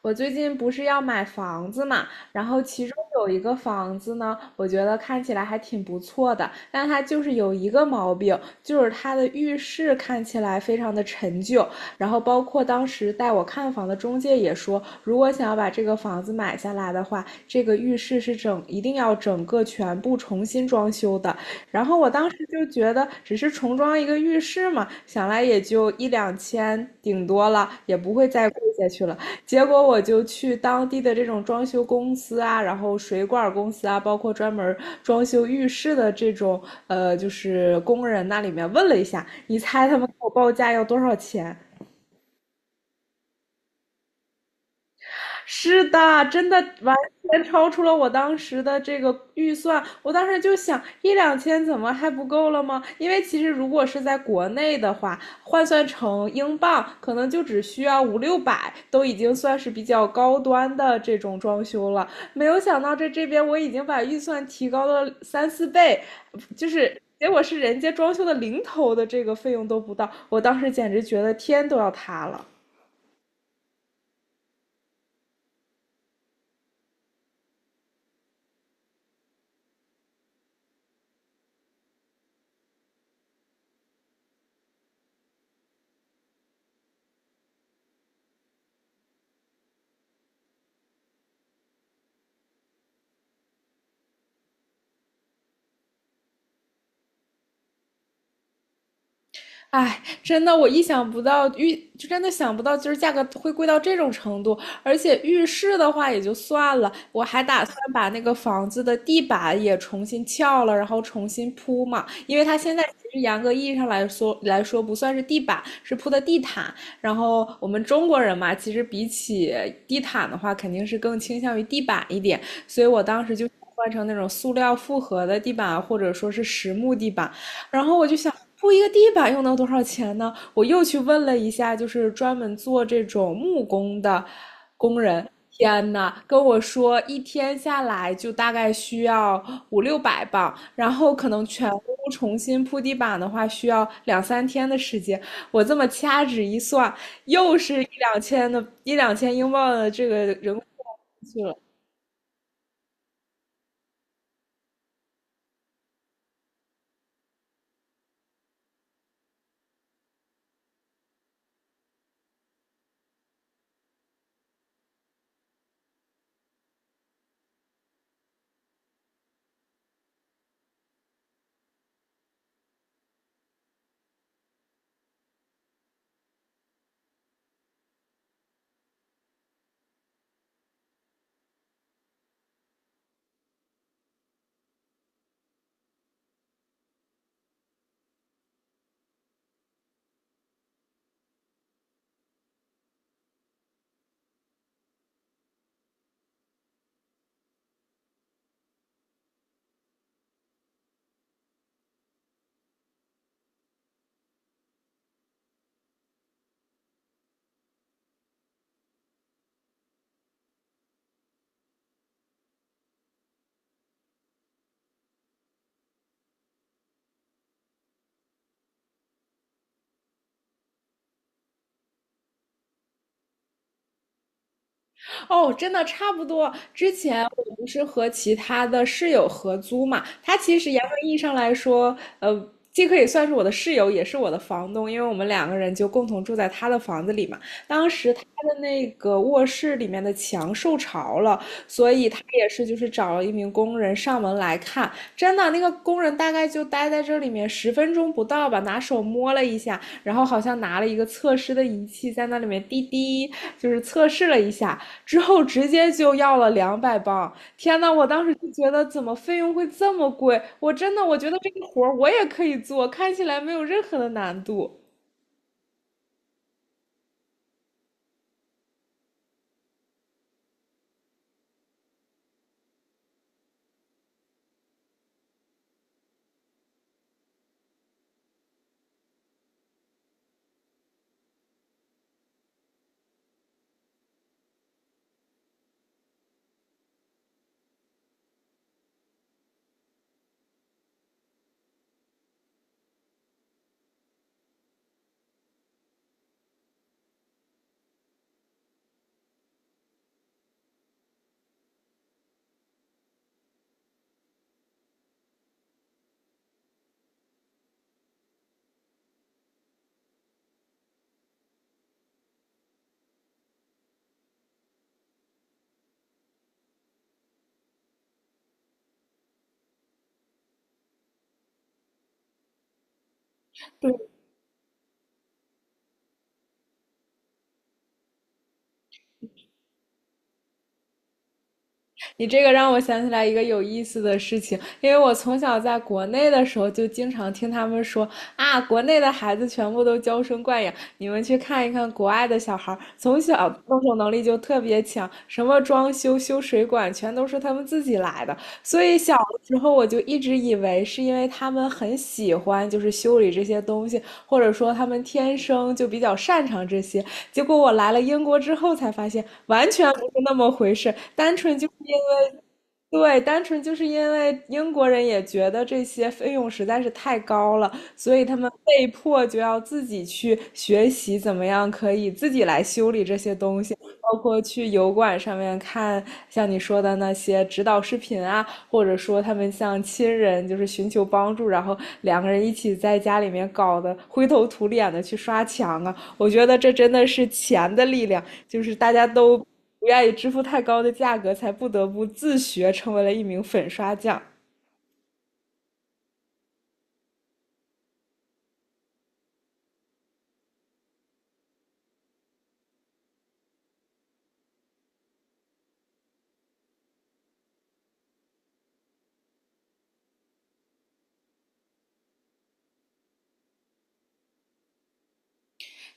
我最近不是要买房子嘛，然后其中有一个房子呢，我觉得看起来还挺不错的，但它就是有一个毛病，就是它的浴室看起来非常的陈旧，然后包括当时带我看房的中介也说，如果想要把这个房子买下来的话，这个浴室是一定要整个全部重新装修的。然后我当时就觉得，只是重装一个浴室嘛，想来也就一两千顶多了，也不会再贵下去了。结果我就去当地的这种装修公司啊，然后水管公司啊，包括专门装修浴室的这种就是工人那里面问了一下，你猜他们给我报价要多少钱？是的，真的完全超出了我当时的这个预算。我当时就想，一两千怎么还不够了吗？因为其实如果是在国内的话，换算成英镑，可能就只需要五六百，都已经算是比较高端的这种装修了。没有想到在这边我已经把预算提高了三四倍，就是结果是人家装修的零头的这个费用都不到，我当时简直觉得天都要塌了。哎，真的，我意想不到，就真的想不到，就是价格会贵到这种程度。而且浴室的话也就算了，我还打算把那个房子的地板也重新撬了，然后重新铺嘛。因为它现在其实严格意义上来说不算是地板，是铺的地毯。然后我们中国人嘛，其实比起地毯的话，肯定是更倾向于地板一点。所以我当时就。换成那种塑料复合的地板，或者说是实木地板，然后我就想，铺一个地板又能多少钱呢？我又去问了一下，就是专门做这种木工的工人。天呐，跟我说一天下来就大概需要五六百磅，然后可能全屋重新铺地板的话需要两三天的时间。我这么掐指一算，又是一两千英镑的这个人工费去了。哦，真的差不多。之前我不是和其他的室友合租嘛，他其实严格意义上来说，既可以算是我的室友，也是我的房东，因为我们两个人就共同住在他的房子里嘛。当时他的那个卧室里面的墙受潮了，所以他也是就是找了一名工人上门来看。真的，那个工人大概就待在这里面10分钟不到吧，拿手摸了一下，然后好像拿了一个测试的仪器在那里面滴滴，就是测试了一下。之后直接就要了200磅。天呐，我当时就觉得怎么费用会这么贵？我真的我觉得这个活儿我也可以做，看起来没有任何的难度。你这个让我想起来一个有意思的事情，因为我从小在国内的时候就经常听他们说啊，国内的孩子全部都娇生惯养，你们去看一看国外的小孩从小动手能力就特别强，什么装修、修水管全都是他们自己来的。所以小的时候我就一直以为是因为他们很喜欢就是修理这些东西，或者说他们天生就比较擅长这些，结果我来了英国之后才发现，完全不是那么回事，单纯就是因为，对，单纯就是因为英国人也觉得这些费用实在是太高了，所以他们被迫就要自己去学习怎么样可以自己来修理这些东西，包括去油管上面看像你说的那些指导视频啊，或者说他们向亲人就是寻求帮助，然后两个人一起在家里面搞得灰头土脸的去刷墙啊。我觉得这真的是钱的力量，就是大家都不愿意支付太高的价格，才不得不自学成为了一名粉刷匠。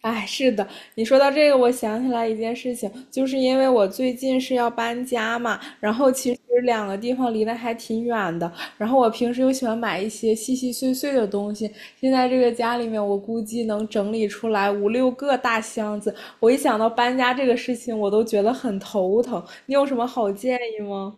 哎，是的，你说到这个，我想起来一件事情，就是因为我最近是要搬家嘛，然后其实两个地方离得还挺远的，然后我平时又喜欢买一些细细碎碎的东西，现在这个家里面我估计能整理出来五六个大箱子，我一想到搬家这个事情，我都觉得很头疼。你有什么好建议吗？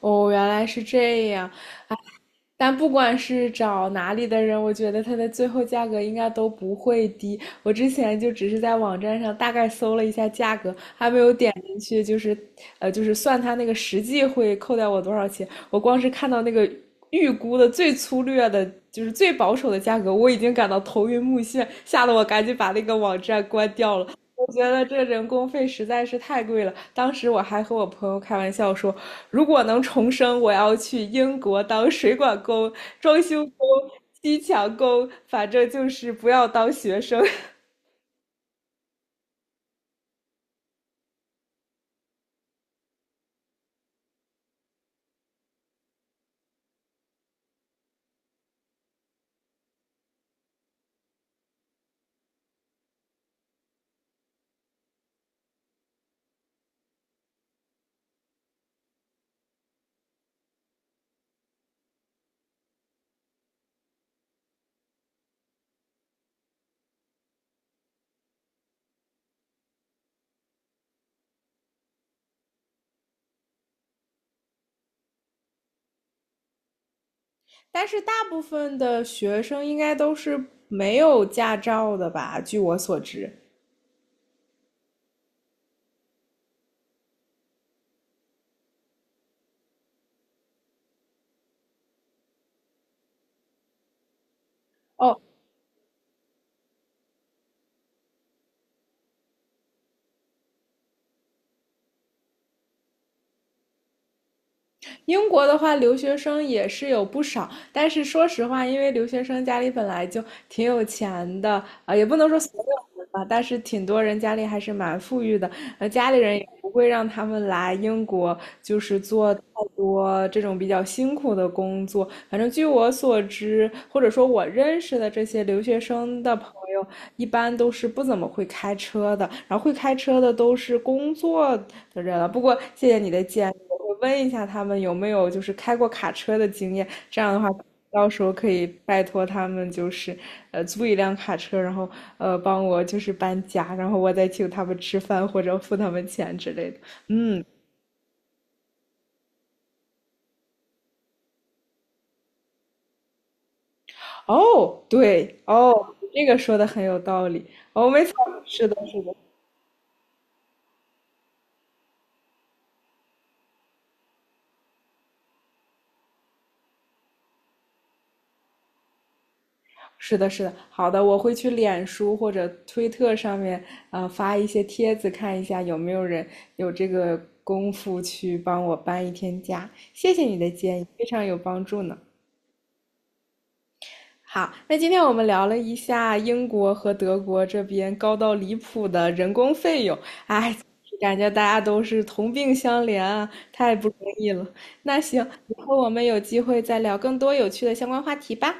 哦，原来是这样。但不管是找哪里的人，我觉得它的最后价格应该都不会低。我之前就只是在网站上大概搜了一下价格，还没有点进去，就是就是算它那个实际会扣掉我多少钱。我光是看到那个预估的最粗略的，就是最保守的价格，我已经感到头晕目眩，吓得我赶紧把那个网站关掉了。我觉得这人工费实在是太贵了。当时我还和我朋友开玩笑说，如果能重生，我要去英国当水管工、装修工、砌墙工，反正就是不要当学生。但是大部分的学生应该都是没有驾照的吧？据我所知。哦，英国的话，留学生也是有不少，但是说实话，因为留学生家里本来就挺有钱的，啊、也不能说所有人吧，但是挺多人家里还是蛮富裕的，家里人也不会让他们来英国，就是做太多这种比较辛苦的工作。反正据我所知，或者说我认识的这些留学生的朋友，一般都是不怎么会开车的，然后会开车的都是工作的人了。不过谢谢你的建议。我问一下他们有没有就是开过卡车的经验，这样的话，到时候可以拜托他们就是租一辆卡车，然后帮我就是搬家，然后我再请他们吃饭或者付他们钱之类的。哦，对，哦，这个说的很有道理。哦，没，是的，是的，是的，好的，我会去脸书或者推特上面发一些帖子，看一下有没有人有这个功夫去帮我搬一天家。谢谢你的建议，非常有帮助呢。好，那今天我们聊了一下英国和德国这边高到离谱的人工费用，哎，感觉大家都是同病相怜啊，太不容易了。那行，以后我们有机会再聊更多有趣的相关话题吧。